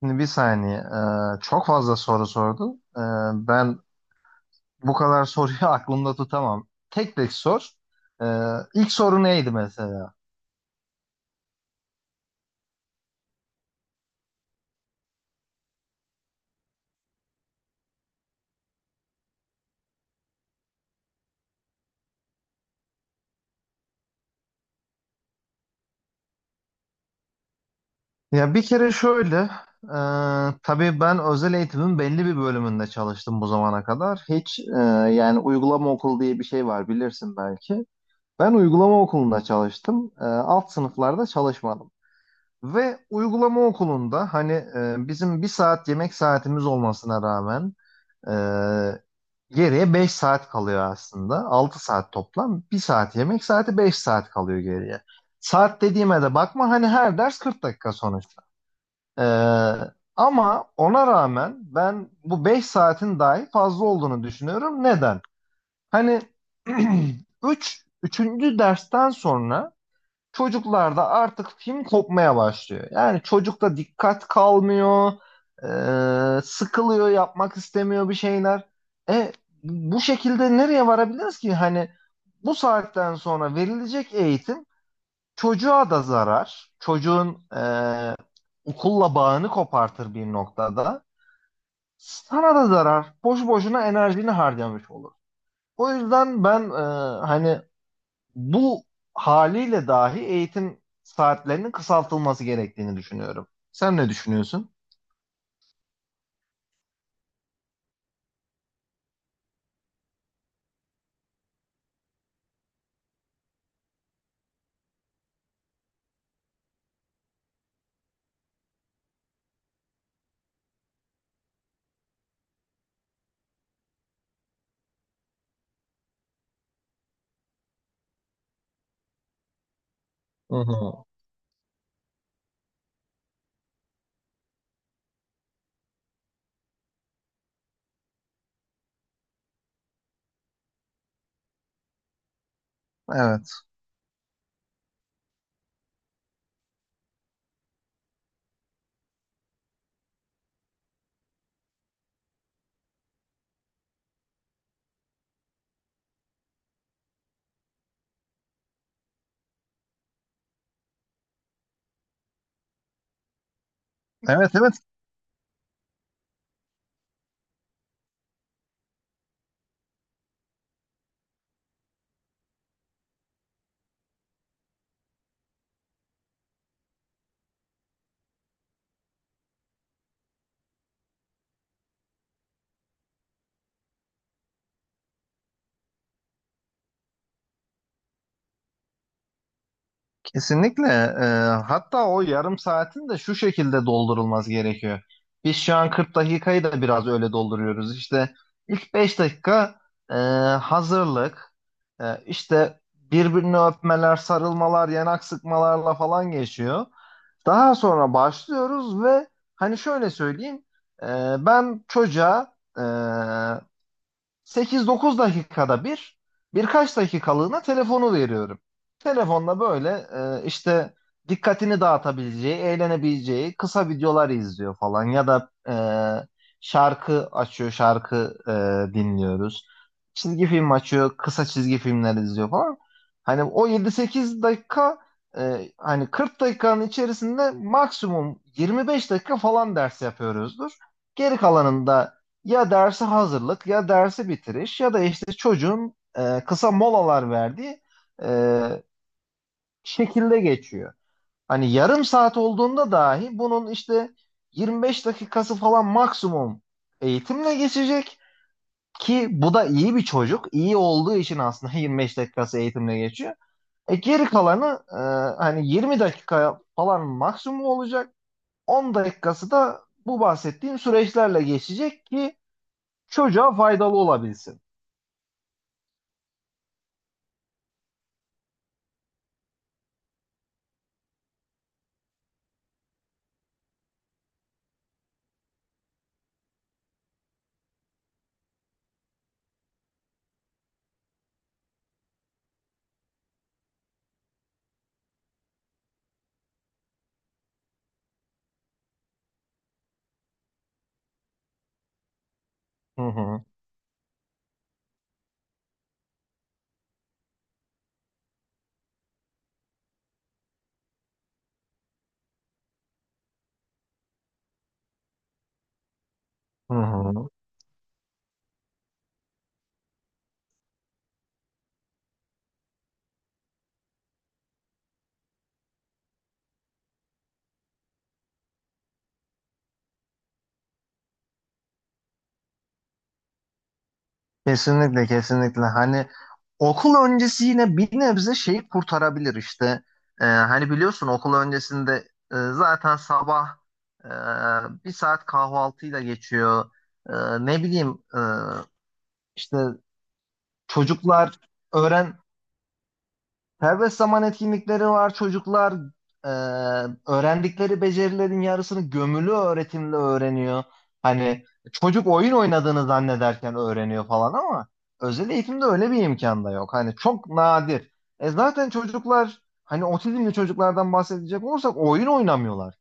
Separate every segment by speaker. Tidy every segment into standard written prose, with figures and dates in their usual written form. Speaker 1: Şimdi bir saniye. Çok fazla soru sordun. Ben bu kadar soruyu aklımda tutamam. Tek tek sor. İlk soru neydi mesela? Ya bir kere şöyle. E, tabii ben özel eğitimin belli bir bölümünde çalıştım bu zamana kadar. Hiç yani uygulama okulu diye bir şey var bilirsin belki. Ben uygulama okulunda çalıştım. Alt sınıflarda çalışmadım. Ve uygulama okulunda hani bizim bir saat yemek saatimiz olmasına rağmen Ee, geriye 5 saat kalıyor aslında. Altı saat toplam. Bir saat yemek saati, 5 saat kalıyor geriye. Saat dediğime de bakma, hani her ders 40 dakika sonuçta. Ee, Ama ona rağmen ben bu 5 saatin dahi fazla olduğunu düşünüyorum. Neden? Hani üçüncü dersten sonra çocuklarda artık film kopmaya başlıyor. Yani çocukta dikkat kalmıyor, sıkılıyor, yapmak istemiyor bir şeyler. E Bu şekilde nereye varabiliriz ki? Hani bu saatten sonra verilecek eğitim çocuğa da zarar, çocuğun okulla bağını kopartır bir noktada. Sana da zarar, boş boşuna enerjini harcamış olur. O yüzden ben, hani bu haliyle dahi eğitim saatlerinin kısaltılması gerektiğini düşünüyorum. Sen ne düşünüyorsun? Hı hı. Evet. Evet evet, kesinlikle. Hatta o yarım saatin de şu şekilde doldurulması gerekiyor. Biz şu an 40 dakikayı da biraz öyle dolduruyoruz. İşte ilk 5 dakika e, hazırlık, işte birbirini öpmeler, sarılmalar, yanak sıkmalarla falan geçiyor. Daha sonra başlıyoruz ve hani şöyle söyleyeyim, e, ben çocuğa, 8-9 dakikada bir, birkaç dakikalığına telefonu veriyorum. Telefonla böyle, işte dikkatini dağıtabileceği, eğlenebileceği kısa videolar izliyor falan ya da, şarkı açıyor, şarkı dinliyoruz. Çizgi film açıyor, kısa çizgi filmler izliyor falan. Hani o 7-8 dakika, hani 40 dakikanın içerisinde maksimum 25 dakika falan ders yapıyoruzdur. Geri kalanında ya derse hazırlık, ya dersi bitiriş, ya da işte çocuğun kısa molalar verdiği e, şekilde geçiyor. Hani yarım saat olduğunda dahi bunun işte 25 dakikası falan maksimum eğitimle geçecek ki bu da iyi bir çocuk. İyi olduğu için aslında 25 dakikası eğitimle geçiyor. Geri kalanı, hani 20 dakika falan maksimum olacak. 10 dakikası da bu bahsettiğim süreçlerle geçecek ki çocuğa faydalı olabilsin. Hı hı, hı hı. Kesinlikle, kesinlikle. Hani okul öncesi yine bir nebze şeyi kurtarabilir işte. Hani biliyorsun okul öncesinde, zaten sabah bir saat kahvaltıyla geçiyor. Ne bileyim, işte çocuklar öğren serbest zaman etkinlikleri var. Çocuklar, e, öğrendikleri becerilerin yarısını gömülü öğretimle öğreniyor. Hani çocuk oyun oynadığını zannederken öğreniyor falan, ama özel eğitimde öyle bir imkan da yok. Hani çok nadir. Zaten çocuklar, hani otizmli çocuklardan bahsedecek olursak, oyun oynamıyorlar.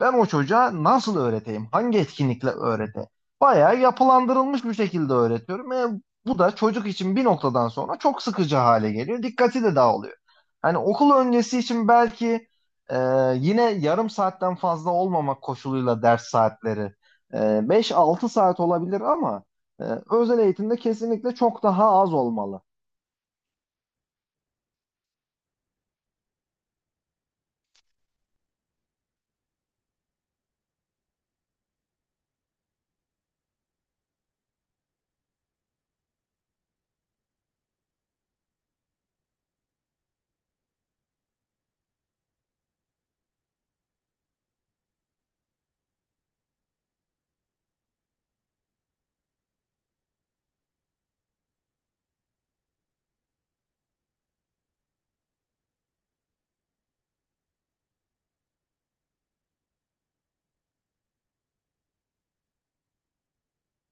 Speaker 1: Ben o çocuğa nasıl öğreteyim? Hangi etkinlikle öğreteyim? Bayağı yapılandırılmış bir şekilde öğretiyorum. Bu da çocuk için bir noktadan sonra çok sıkıcı hale geliyor. Dikkati de dağılıyor. Hani okul öncesi için belki, e, yine yarım saatten fazla olmamak koşuluyla ders saatleri e, 5-6 saat olabilir, ama e, özel eğitimde kesinlikle çok daha az olmalı.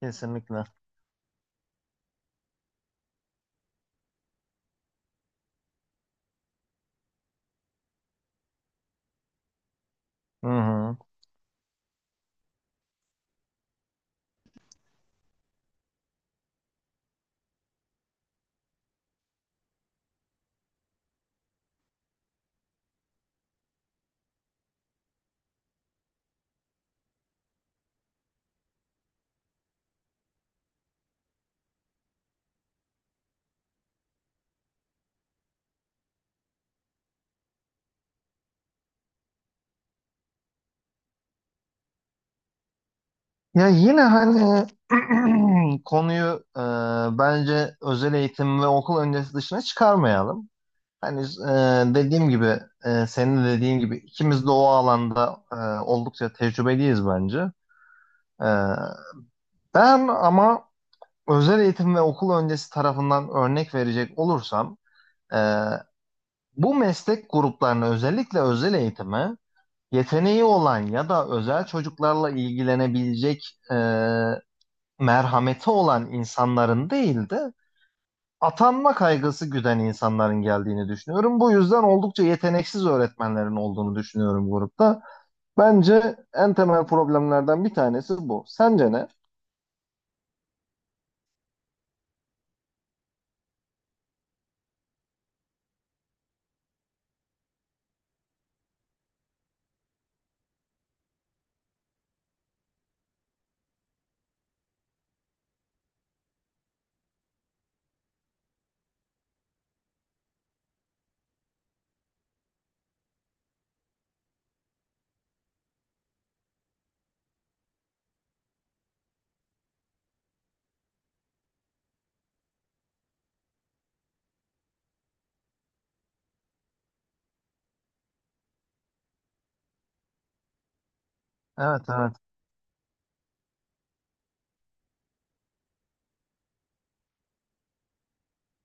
Speaker 1: Kesinlikle. Hı hı. Ya yine hani konuyu, bence özel eğitim ve okul öncesi dışına çıkarmayalım. Hani dediğim gibi, senin de dediğin gibi, ikimiz de o alanda oldukça tecrübeliyiz bence. E, Ben ama özel eğitim ve okul öncesi tarafından örnek verecek olursam, e, bu meslek gruplarına, özellikle özel eğitime, yeteneği olan ya da özel çocuklarla ilgilenebilecek, merhameti olan insanların değil de, atanma kaygısı güden insanların geldiğini düşünüyorum. Bu yüzden oldukça yeteneksiz öğretmenlerin olduğunu düşünüyorum grupta. Bence en temel problemlerden bir tanesi bu. Sence ne? Evet evet.